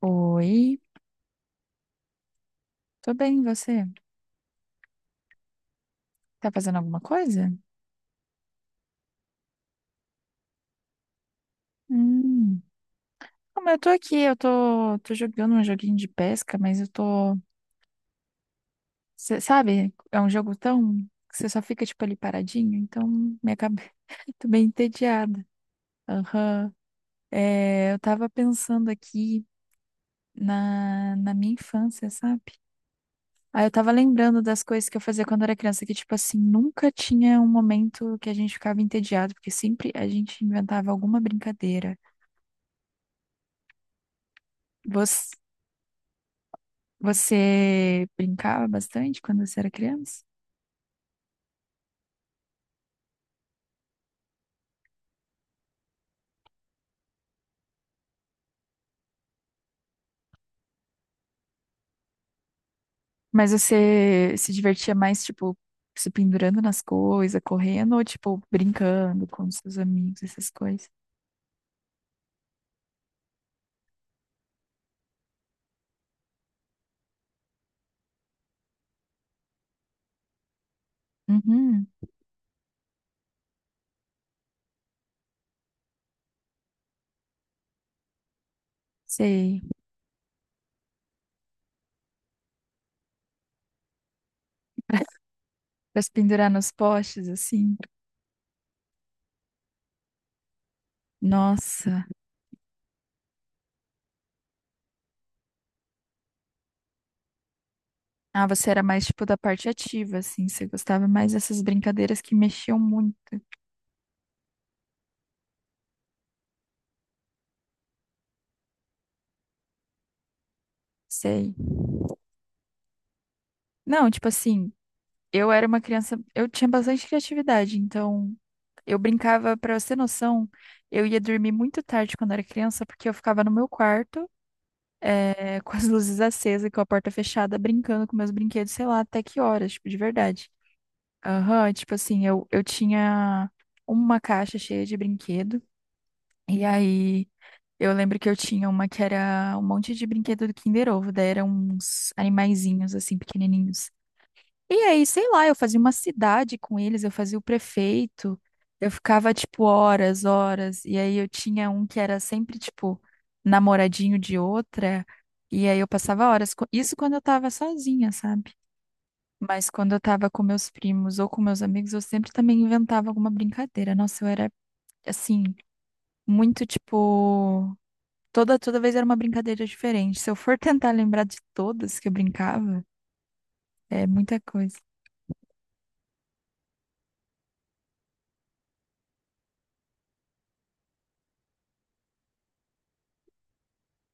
Oi, tô bem, e você? Tá fazendo alguma coisa? Hum. Como eu tô aqui, eu tô jogando um joguinho de pesca, mas eu tô, cê sabe, é um jogo tão que você só fica tipo ali paradinho, então minha cabeça tô bem entediada. Aham. É, eu tava pensando aqui na minha infância, sabe? Aí eu tava lembrando das coisas que eu fazia quando era criança, que, tipo assim, nunca tinha um momento que a gente ficava entediado, porque sempre a gente inventava alguma brincadeira. Você, você brincava bastante quando você era criança? Mas você se divertia mais, tipo, se pendurando nas coisas, correndo, ou, tipo, brincando com seus amigos, essas coisas? Uhum, sei. Pra se pendurar nos postes, assim. Nossa. Ah, você era mais, tipo, da parte ativa, assim. Você gostava mais dessas brincadeiras que mexiam muito. Sei. Não, tipo assim, eu era uma criança. Eu tinha bastante criatividade, então. Eu brincava, pra você ter noção, eu ia dormir muito tarde quando era criança, porque eu ficava no meu quarto, com as luzes acesas, e com a porta fechada, brincando com meus brinquedos, sei lá, até que horas, tipo, de verdade. Aham, tipo assim, eu tinha uma caixa cheia de brinquedo, e aí eu lembro que eu tinha uma que era um monte de brinquedo do Kinder Ovo, daí eram uns animaizinhos, assim, pequenininhos. E aí, sei lá, eu fazia uma cidade com eles, eu fazia o prefeito, eu ficava, tipo, horas, horas, e aí eu tinha um que era sempre, tipo, namoradinho de outra, e aí eu passava horas, isso quando eu tava sozinha, sabe? Mas quando eu tava com meus primos ou com meus amigos, eu sempre também inventava alguma brincadeira. Nossa, eu era, assim, muito, tipo, toda vez era uma brincadeira diferente. Se eu for tentar lembrar de todas que eu brincava, é muita coisa.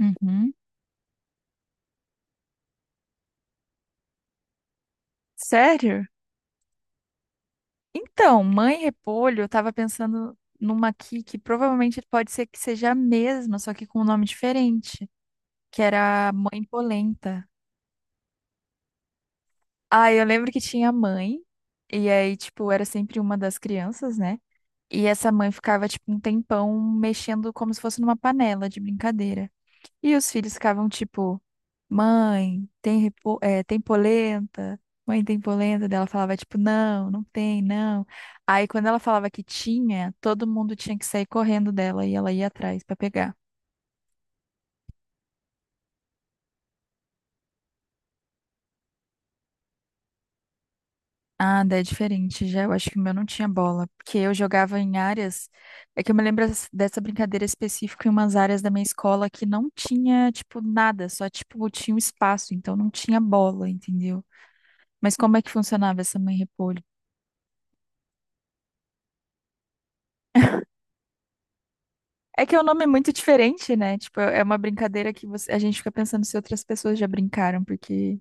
Uhum. Sério? Então, Mãe Repolho, eu tava pensando numa aqui que provavelmente pode ser que seja a mesma, só que com um nome diferente, que era Mãe Polenta. Ah, eu lembro que tinha a mãe, e aí, tipo, era sempre uma das crianças, né? E essa mãe ficava, tipo, um tempão mexendo como se fosse numa panela de brincadeira. E os filhos ficavam tipo, mãe, tem polenta? Mãe, tem polenta? Daí ela falava tipo, não, não tem, não. Aí quando ela falava que tinha, todo mundo tinha que sair correndo dela e ela ia atrás pra pegar. Ah, daí é diferente, já eu acho que o meu não tinha bola, porque eu jogava em áreas, é que eu me lembro dessa brincadeira específica em umas áreas da minha escola que não tinha, tipo, nada, só, tipo, tinha um espaço, então não tinha bola, entendeu? Mas como é que funcionava essa mãe repolho? É que o nome é muito diferente, né? Tipo, é uma brincadeira que a gente fica pensando se outras pessoas já brincaram, porque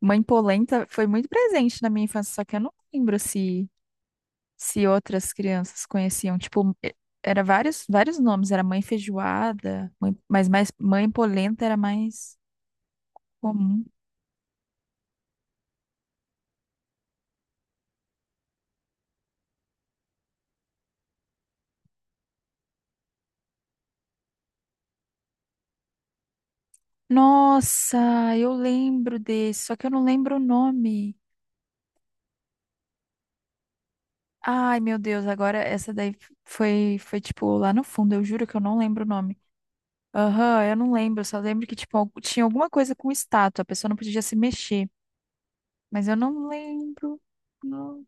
mãe polenta foi muito presente na minha infância, só que eu não lembro se, se outras crianças conheciam. Tipo, era vários nomes, era mãe feijoada, mas mais mãe polenta era mais comum. Nossa, eu lembro desse, só que eu não lembro o nome. Ai, meu Deus, agora essa daí foi tipo lá no fundo, eu juro que eu não lembro o nome. Aham, eu não lembro, só lembro que, tipo, tinha alguma coisa com estátua, a pessoa não podia se mexer, mas eu não lembro. Não.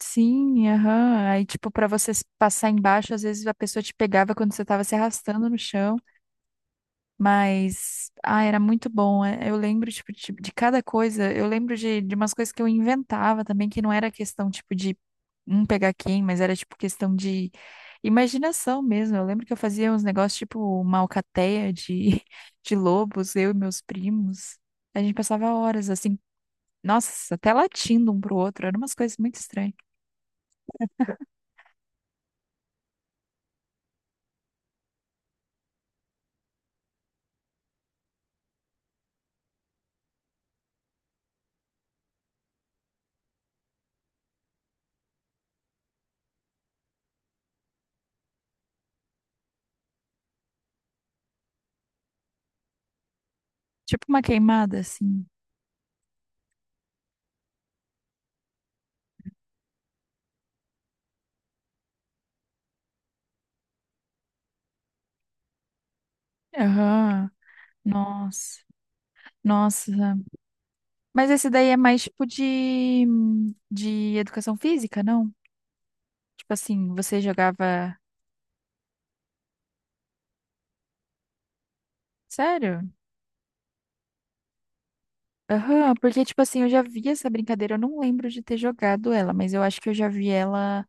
Sim, aham. Aí, tipo, pra você passar embaixo, às vezes a pessoa te pegava quando você tava se arrastando no chão. Mas, ah, era muito bom. Eu lembro, tipo, de cada coisa. Eu lembro de umas coisas que eu inventava também, que não era questão, tipo, de um pegar quem, mas era, tipo, questão de imaginação mesmo. Eu lembro que eu fazia uns negócios, tipo, uma alcateia de, de lobos, eu e meus primos. A gente passava horas, assim, nossa, até latindo um pro outro. Eram umas coisas muito estranhas. Tipo uma queimada, assim. Aham. Nossa. Nossa. Mas esse daí é mais tipo de educação física, não? Tipo assim, você jogava. Sério? Aham, porque tipo assim, eu já vi essa brincadeira, eu não lembro de ter jogado ela, mas eu acho que eu já vi ela.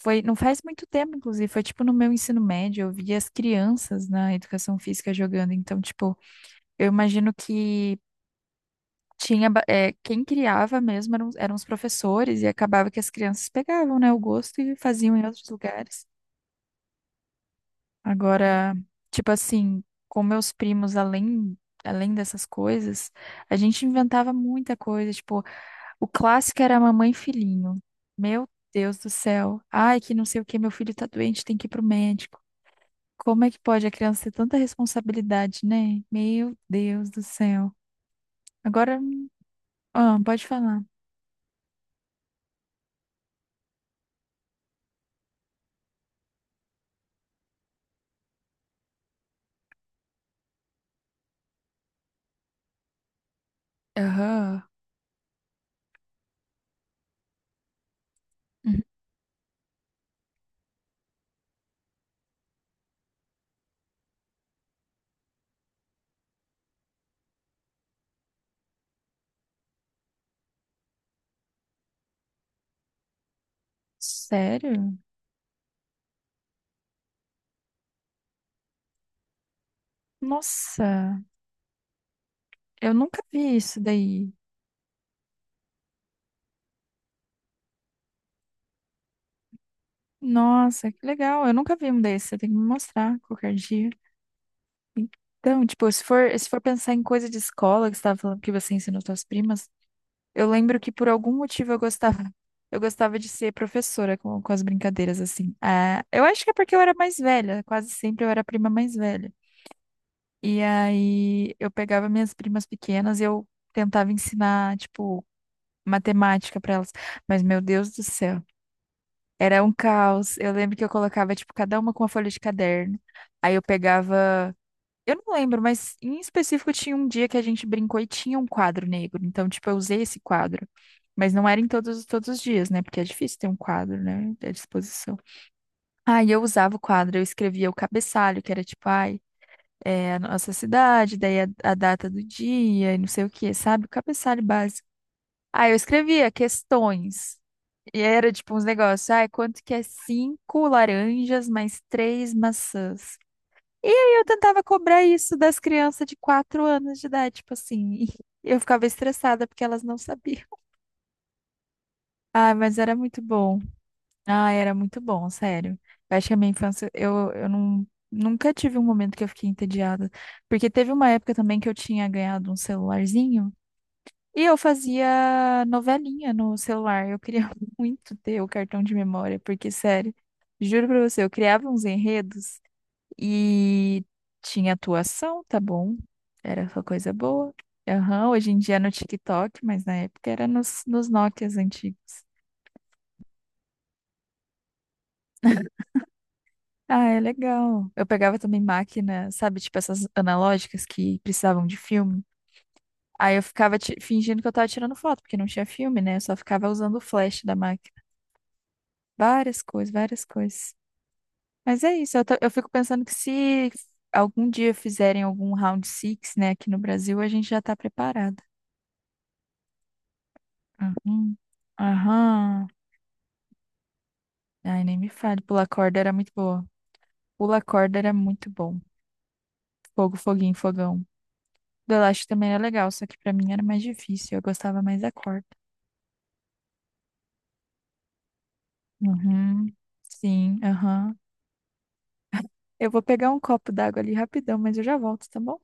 Foi, não faz muito tempo, inclusive, foi tipo no meu ensino médio, eu vi as crianças na educação física jogando, então, tipo, eu imagino que quem criava mesmo eram os professores e acabava que as crianças pegavam, né, o gosto e faziam em outros lugares. Agora, tipo assim, com meus primos, além dessas coisas, a gente inventava muita coisa. Tipo, o clássico era mamãe e filhinho. Meu Deus do céu. Ai, que não sei o que, meu filho tá doente, tem que ir pro médico. Como é que pode a criança ter tanta responsabilidade, né? Meu Deus do céu. Agora, ah, pode falar. Aham. Uhum. Sério? Nossa, eu nunca vi isso daí. Nossa, que legal. Eu nunca vi um desse. Você tem que me mostrar qualquer dia. Então, tipo, se for pensar em coisa de escola, que você estava falando que você ensinou suas primas, eu lembro que por algum motivo eu gostava. Eu gostava de ser professora com as brincadeiras, assim. Ah, eu acho que é porque eu era mais velha. Quase sempre eu era a prima mais velha. E aí eu pegava minhas primas pequenas e eu tentava ensinar, tipo, matemática para elas. Mas, meu Deus do céu. Era um caos. Eu lembro que eu colocava, tipo, cada uma com uma folha de caderno. Aí eu pegava. Eu não lembro, mas em específico tinha um dia que a gente brincou e tinha um quadro negro. Então, tipo, eu usei esse quadro. Mas não era em todos os dias, né? Porque é difícil ter um quadro, né? À disposição. Aí eu usava o quadro, eu escrevia o cabeçalho, que era tipo, ai, é a nossa cidade, daí a data do dia e não sei o quê, sabe? O cabeçalho básico. Aí eu escrevia questões. E era tipo uns negócios, ai, quanto que é cinco laranjas mais três maçãs? E aí eu tentava cobrar isso das crianças de 4 anos de idade, tipo assim. E eu ficava estressada porque elas não sabiam. Ah, mas era muito bom. Ah, era muito bom, sério. Eu acho que a minha infância, eu não, nunca tive um momento que eu fiquei entediada. Porque teve uma época também que eu tinha ganhado um celularzinho. E eu fazia novelinha no celular. Eu queria muito ter o cartão de memória, porque, sério, juro pra você, eu criava uns enredos e tinha atuação, tá bom? Era só coisa boa. Aham, hoje em dia é no TikTok, mas na época era nos Nokias antigos. Ah, é legal. Eu pegava também máquina, sabe, tipo essas analógicas que precisavam de filme. Aí eu ficava fingindo que eu tava tirando foto, porque não tinha filme, né? Eu só ficava usando o flash da máquina. Várias coisas, várias coisas. Mas é isso, eu fico pensando que se algum dia fizerem algum round six, né, aqui no Brasil, a gente já tá preparado. Uhum. Aham. Ai, nem me fale. Pula corda era muito boa. Pula corda era muito bom. Fogo, foguinho, fogão. Do elástico também era legal, só que pra mim era mais difícil. Eu gostava mais da corda. Uhum. Sim, aham. Eu vou pegar um copo d'água ali rapidão, mas eu já volto, tá bom?